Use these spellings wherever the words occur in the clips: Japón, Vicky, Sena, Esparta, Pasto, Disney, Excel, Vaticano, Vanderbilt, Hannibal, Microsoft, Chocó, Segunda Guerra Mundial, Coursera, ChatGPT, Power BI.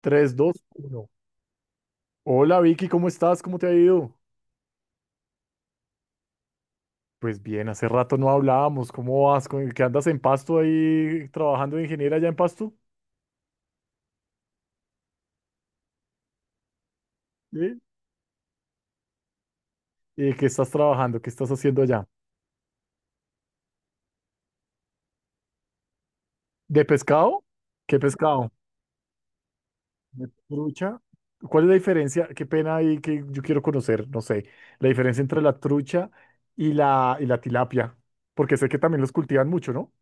Tres dos uno Hola Vicky, ¿cómo estás? ¿Cómo te ha ido? Pues bien, hace rato no hablábamos. ¿Cómo vas? ¿Qué andas en Pasto ahí trabajando de ingeniera allá en Pasto? ¿Sí? ¿Y qué estás trabajando? ¿Qué estás haciendo allá? ¿De pescado? ¿Qué pescado? ¿De trucha? ¿Cuál es la diferencia? Qué pena ahí, que yo quiero conocer, no sé, la diferencia entre la trucha y la tilapia, porque sé que también los cultivan mucho, ¿no?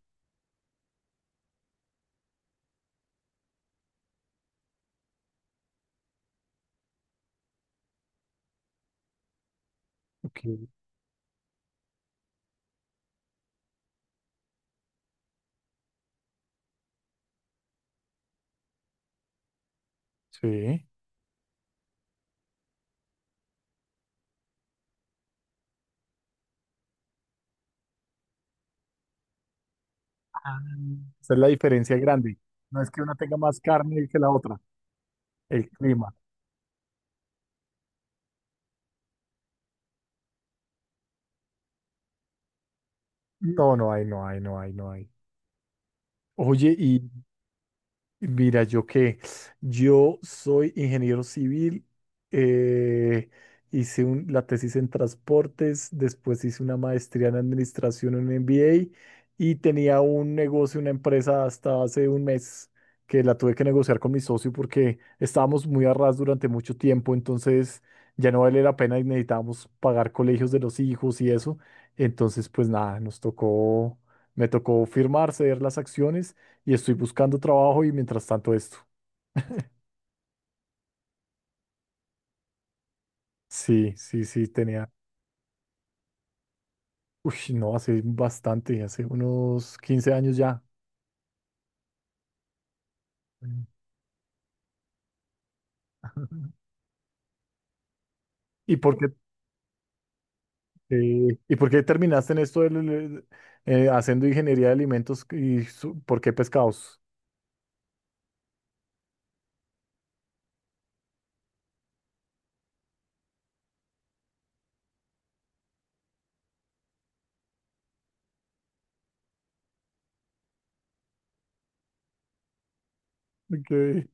Ok. Sí. Ah. Esa es la diferencia grande. No es que una tenga más carne que la otra. El clima. No, no hay, no hay, no hay, no hay. Oye, mira, yo soy ingeniero civil. eh, Hice la tesis en transportes. Después hice una maestría en administración, un MBA, y tenía un negocio, una empresa, hasta hace un mes, que la tuve que negociar con mi socio porque estábamos muy a ras durante mucho tiempo. Entonces ya no vale la pena y necesitábamos pagar colegios de los hijos y eso. Entonces, pues nada, me tocó firmar, ceder las acciones, y estoy buscando trabajo y mientras tanto esto. Sí, sí, sí. Uy, no, hace bastante, hace unos 15 años ya. Mm. ¿Y por qué, y por qué terminaste en esto del haciendo ingeniería de alimentos, ¿por qué pescados? Okay.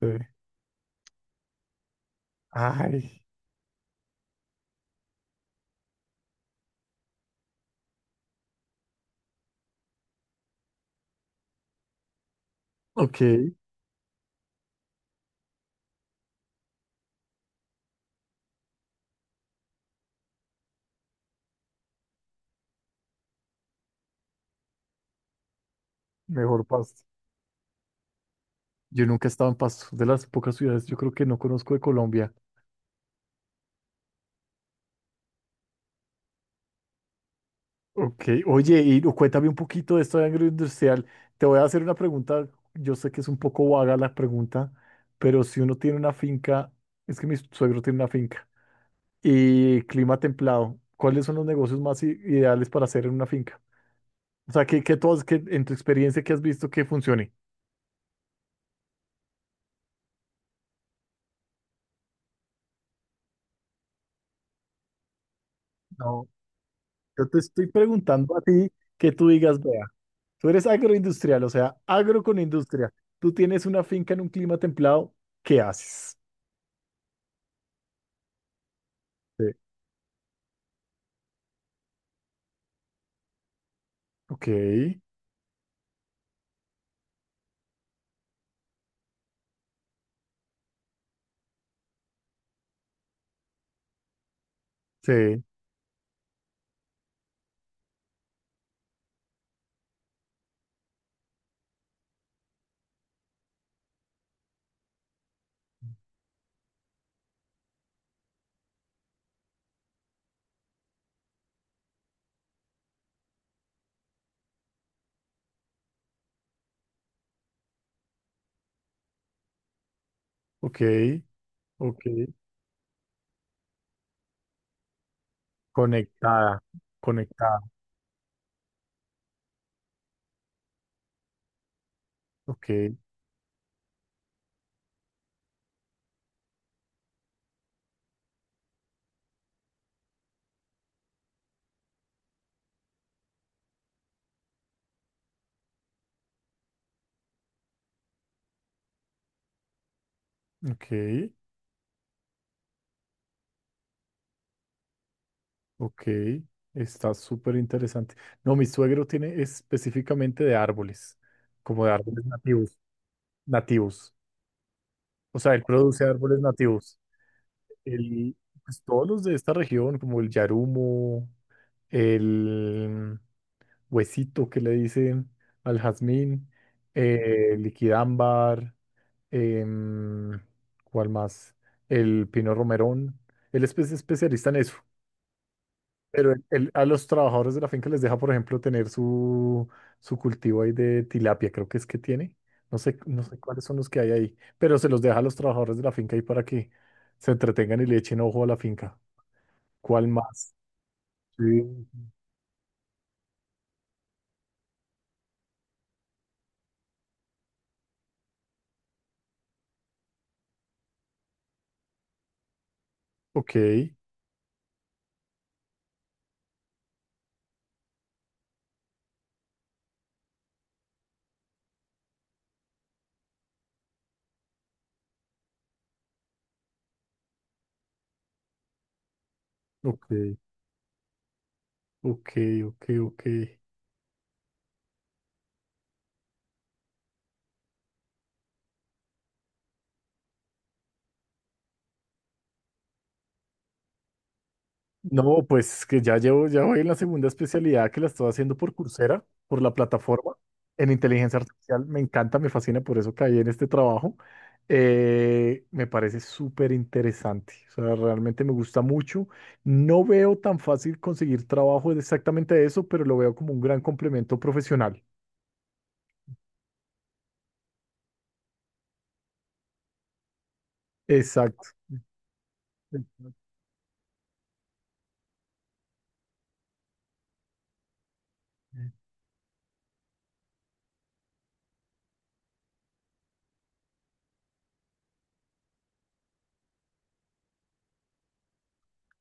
Sí. Ay, ok, mejor Pasto. Yo nunca he estado en Pasto, de las pocas ciudades yo creo que no conozco de Colombia. Ok, oye, y no, cuéntame un poquito de esto de agroindustrial. Te voy a hacer una pregunta, yo sé que es un poco vaga la pregunta, pero si uno tiene una finca, es que mi suegro tiene una finca, y clima templado, ¿cuáles son los negocios más ideales para hacer en una finca? O sea, ¿qué en tu experiencia que has visto que funcione? No, yo te estoy preguntando a ti, que tú digas, vea, tú eres agroindustrial, o sea, agro con industria, tú tienes una finca en un clima templado, ¿qué haces? Sí. Ok. Sí. Ok, ok. Conectada, conectada. Ok, ok, ok. Está súper interesante. No, mi suegro tiene específicamente de árboles, como de árboles nativos, nativos. O sea, él produce árboles nativos. El, pues, todos los de esta región, como el yarumo, el huesito que le dicen al jazmín, liquidámbar. em, ¿cuál más? El pino romerón. Él es especialista en eso, pero él a los trabajadores de la finca les deja, por ejemplo, tener su cultivo ahí de tilapia, creo que es que tiene. No sé, no sé cuáles son los que hay ahí, pero se los deja a los trabajadores de la finca ahí para que se entretengan y le echen ojo a la finca. ¿Cuál más? Sí. Ok, ok, ok, ok, ok. No, pues que ya llevo, ya voy en la segunda especialidad, que la estoy haciendo por Coursera, por la plataforma, en inteligencia artificial. Me encanta, me fascina, por eso caí en este trabajo. Me parece súper interesante. O sea, realmente me gusta mucho. No veo tan fácil conseguir trabajo de exactamente eso, pero lo veo como un gran complemento profesional. Exacto. Exacto.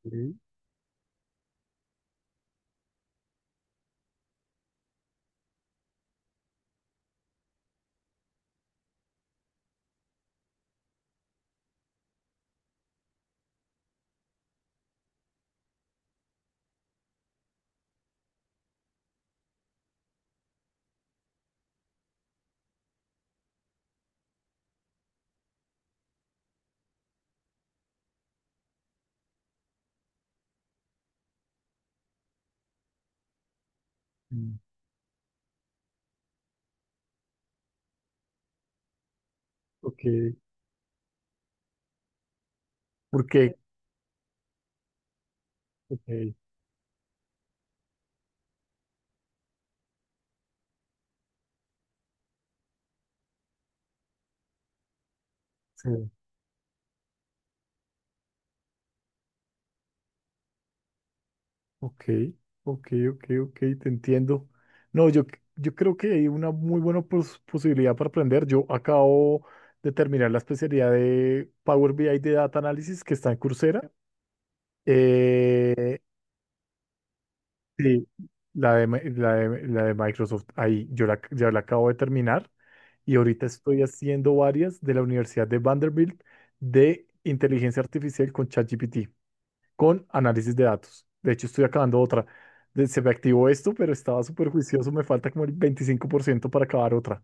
Ok. Mm. Ok. ¿Por qué? Ok. Sí. Ok, ok, ok, ok, te entiendo. No, yo creo que hay una muy buena posibilidad para aprender. Yo acabo de terminar la especialidad de Power BI de Data Analysis, que está en Coursera. Eh, sí, la de Microsoft. Ahí ya la acabo de terminar, y ahorita estoy haciendo varias de la Universidad de Vanderbilt, de inteligencia artificial, con ChatGPT, con análisis de datos. De hecho, estoy acabando otra. Se me activó esto, pero estaba súper juicioso. Me falta como el 25% para acabar otra.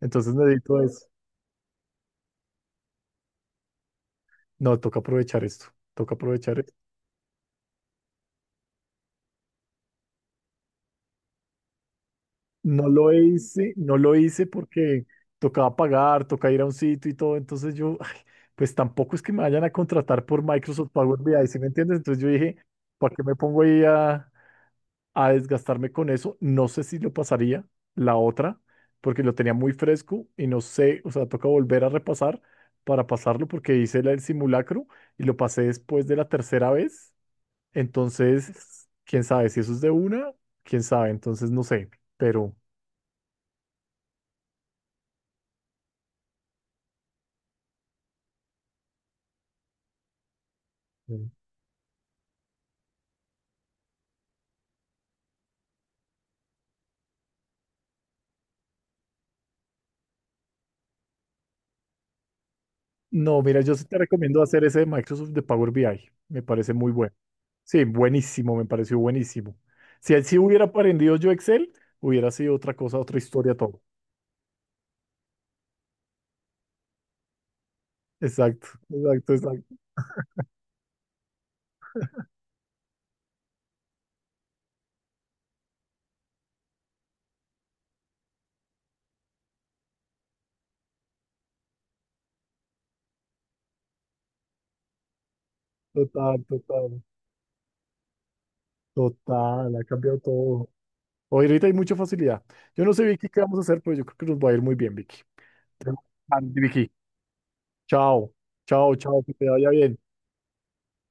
Entonces necesito es, no, toca aprovechar esto. Toca aprovechar esto. No lo hice porque tocaba pagar, toca ir a un sitio y todo. Entonces yo, ay, pues tampoco es que me vayan a contratar por Microsoft Power BI, ¿sí me entiendes? Entonces yo dije, ¿para qué me pongo ahí a desgastarme con eso? No sé si lo pasaría la otra, porque lo tenía muy fresco, y no sé, o sea, toca volver a repasar para pasarlo, porque hice el simulacro y lo pasé después de la tercera vez. Entonces, quién sabe si eso es de una, quién sabe, entonces no sé, pero Mm. No, mira, yo sí te recomiendo hacer ese de Microsoft, de Power BI, me parece muy bueno. Sí, buenísimo, me pareció buenísimo. Si así hubiera aprendido yo Excel, hubiera sido otra cosa, otra historia, todo. Exacto, exacto, exacto. Total, total, total. Ha cambiado todo. Hoy ahorita hay mucha facilidad. Yo no sé, Vicky, qué vamos a hacer, pero yo creo que nos va a ir muy bien, Vicky. Te mando un plan, Vicky. Chao, chao, chao, que te vaya bien.